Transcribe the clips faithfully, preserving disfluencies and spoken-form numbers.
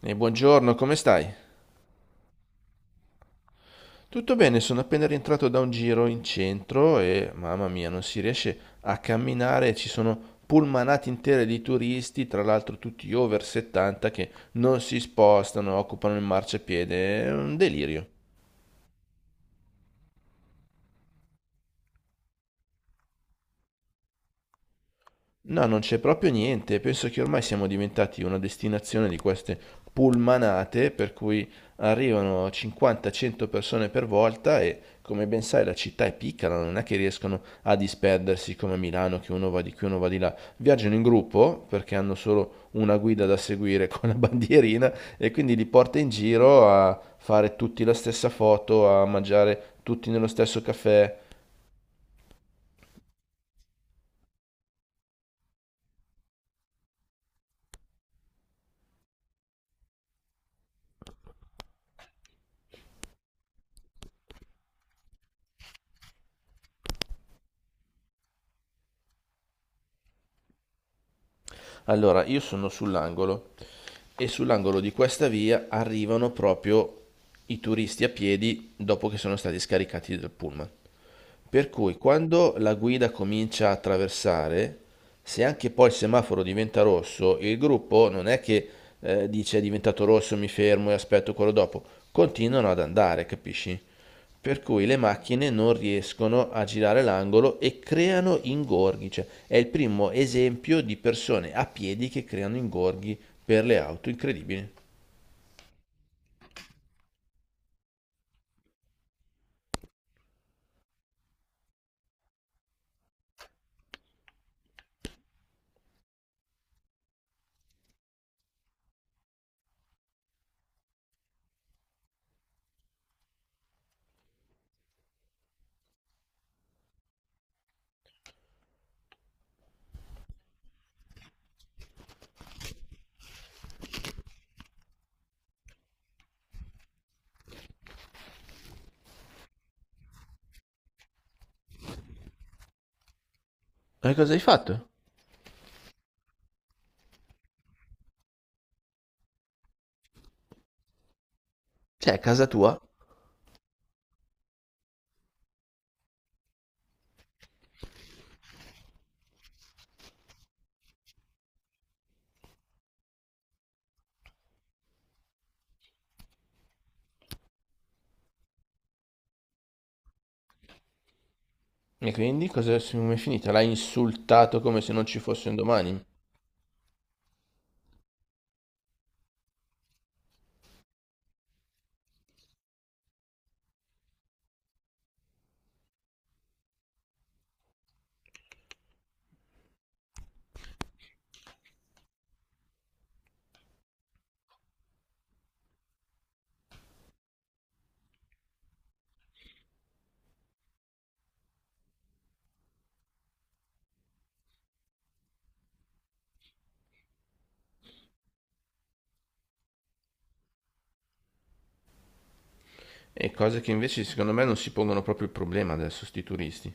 E buongiorno, come stai? Tutto bene, sono appena rientrato da un giro in centro e mamma mia, non si riesce a camminare, ci sono pullmanate intere di turisti, tra l'altro tutti over settanta che non si spostano, occupano il marciapiede, è un delirio. No, non c'è proprio niente. Penso che ormai siamo diventati una destinazione di queste pullmanate, per cui arrivano cinquanta cento persone per volta e, come ben sai, la città è piccola, non è che riescono a disperdersi come a Milano, che uno va di qui, uno va di là. Viaggiano in gruppo perché hanno solo una guida da seguire con la bandierina e quindi li porta in giro a fare tutti la stessa foto, a mangiare tutti nello stesso caffè. Allora, io sono sull'angolo e sull'angolo di questa via arrivano proprio i turisti a piedi dopo che sono stati scaricati dal pullman. Per cui quando la guida comincia a attraversare, se anche poi il semaforo diventa rosso, il gruppo non è che eh, dice è diventato rosso, mi fermo e aspetto quello dopo, continuano ad andare, capisci? Per cui le macchine non riescono a girare l'angolo e creano ingorghi, cioè è il primo esempio di persone a piedi che creano ingorghi per le auto, incredibile. Ma che cosa hai fatto? Cioè, è casa tua? E quindi cosa come è finita? L'ha insultato come se non ci fosse un domani? E cose che invece secondo me non si pongono proprio il problema adesso, sti turisti.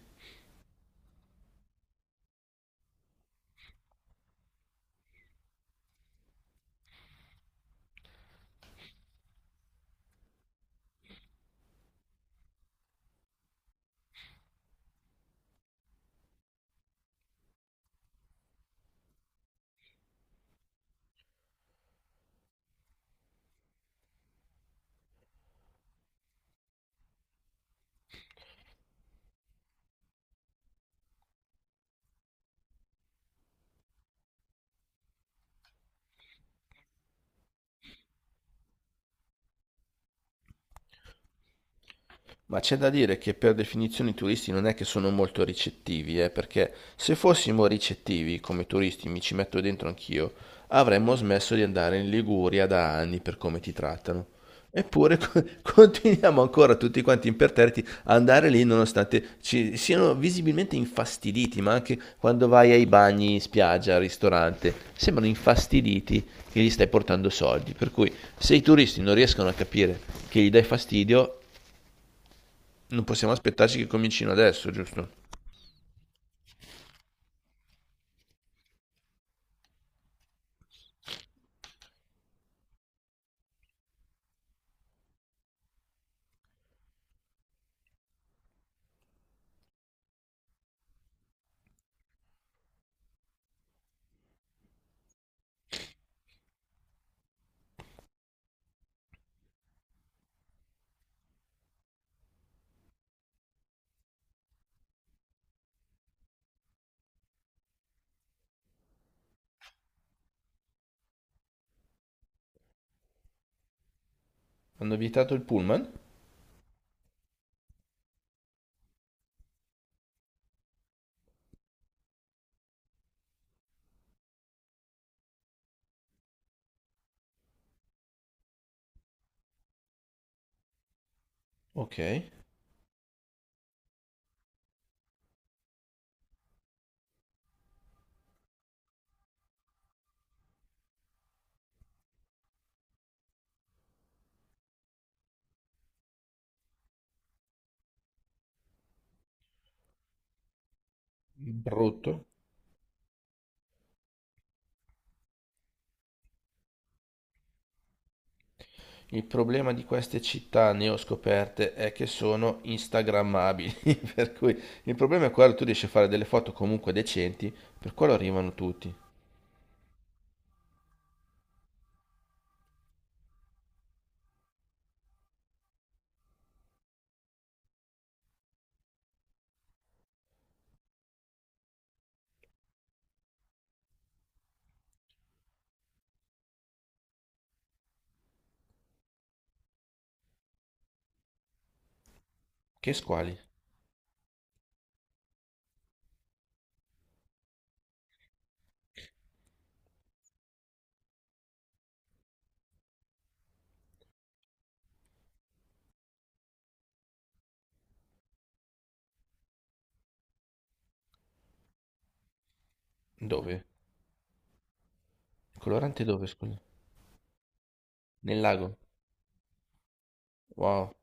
Ma c'è da dire che per definizione i turisti non è che sono molto ricettivi, eh, perché se fossimo ricettivi come turisti, mi ci metto dentro anch'io, avremmo smesso di andare in Liguria da anni per come ti trattano. Eppure co- continuiamo ancora tutti quanti imperterriti a andare lì nonostante ci siano visibilmente infastiditi, ma anche quando vai ai bagni, in spiaggia, al ristorante, sembrano infastiditi che gli stai portando soldi. Per cui se i turisti non riescono a capire che gli dai fastidio, non possiamo aspettarci che comincino adesso, giusto? Hanno vietato il pullman? Ok, brutto. Il problema di queste città neoscoperte è che sono instagrammabili, per cui il problema è quello, tu riesci a fare delle foto comunque decenti, per quello arrivano tutti. Che squali? Dove? Colorante dove, scusa? Nel lago. Wow,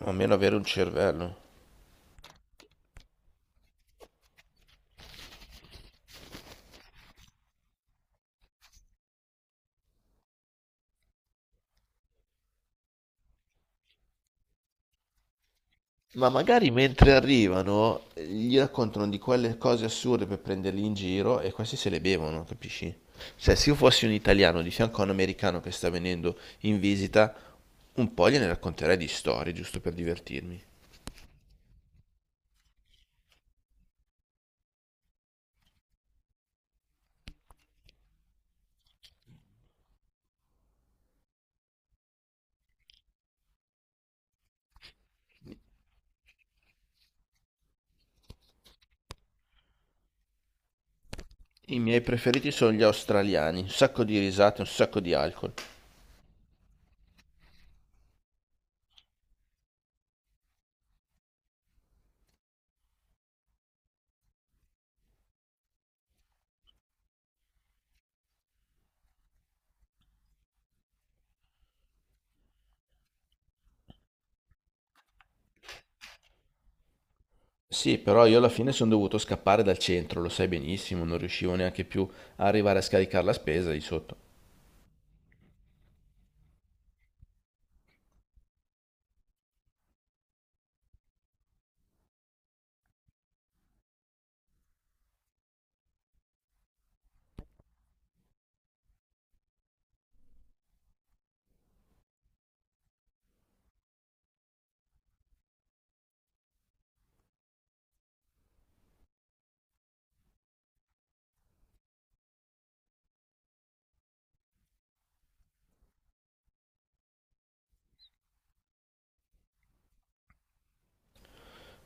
a meno avere un cervello. Ma magari mentre arrivano eh, gli raccontano di quelle cose assurde per prenderli in giro e questi se le bevono, capisci? Cioè, se io fossi un italiano di fianco a un americano che sta venendo in visita, un po' gliene racconterei di storie, giusto per divertirmi. I miei preferiti sono gli australiani, un sacco di risate, un sacco di alcol. Sì, però io alla fine sono dovuto scappare dal centro, lo sai benissimo, non riuscivo neanche più a arrivare a scaricare la spesa lì sotto.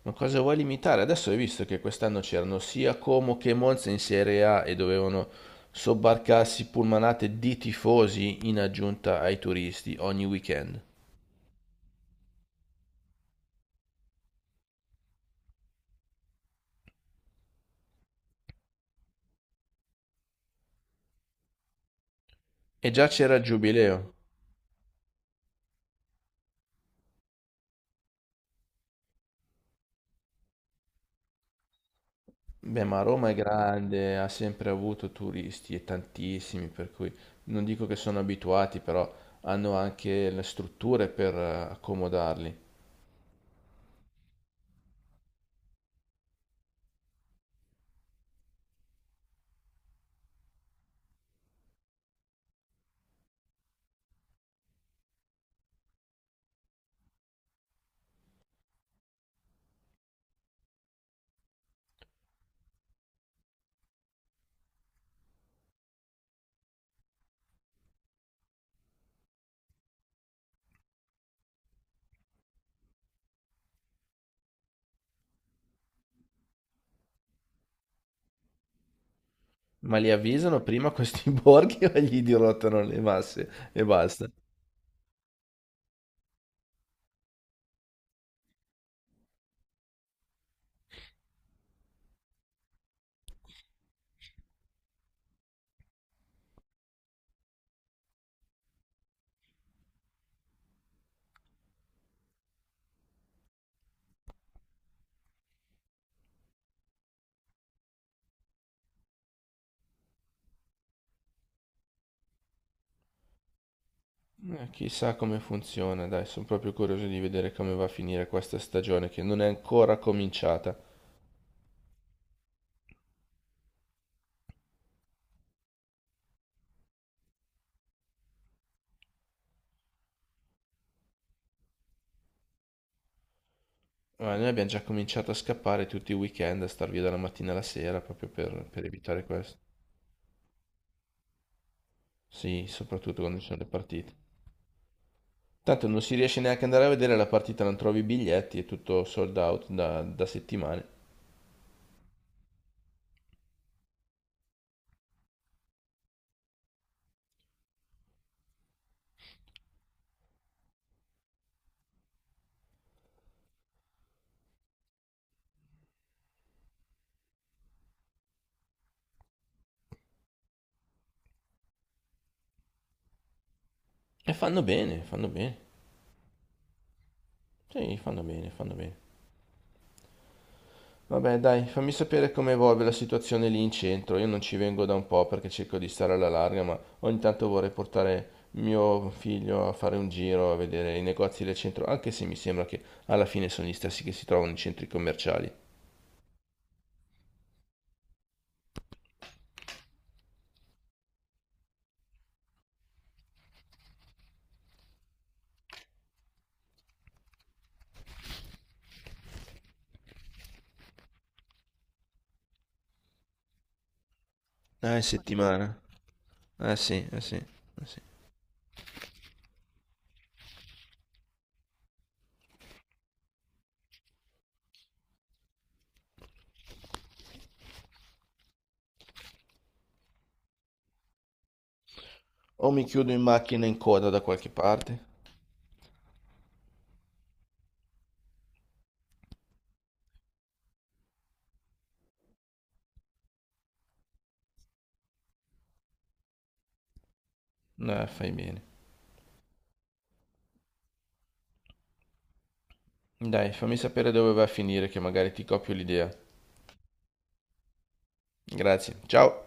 Ma cosa vuoi limitare? Adesso hai visto che quest'anno c'erano sia Como che Monza in Serie A e dovevano sobbarcarsi pullmanate di tifosi in aggiunta ai turisti ogni weekend. E già c'era il giubileo. Beh, ma Roma è grande, ha sempre avuto turisti e tantissimi, per cui non dico che sono abituati, però hanno anche le strutture per eh, accomodarli. Ma li avvisano prima questi borghi o gli dirottano le masse e basta? Eh, chissà come funziona, dai, sono proprio curioso di vedere come va a finire questa stagione che non è ancora cominciata. Ma noi abbiamo già cominciato a scappare tutti i weekend, a star via dalla mattina alla sera proprio per, per evitare questo. Sì, soprattutto quando ci sono le partite. Tanto non si riesce neanche ad andare a vedere la partita, non trovi i biglietti, è tutto sold out da, da settimane. E fanno bene, fanno bene. Sì, fanno bene, fanno bene. Vabbè, dai, fammi sapere come evolve la situazione lì in centro. Io non ci vengo da un po' perché cerco di stare alla larga, ma ogni tanto vorrei portare mio figlio a fare un giro, a vedere i negozi del centro, anche se mi sembra che alla fine sono gli stessi che si trovano in centri commerciali. Ah, in? Ma dici, settimana? Eh sì, eh sì, eh sì. O mi chiudo in macchina in coda da qualche parte. No, fai bene. Dai, fammi sapere dove vai a finire, che magari ti copio l'idea. Grazie, ciao!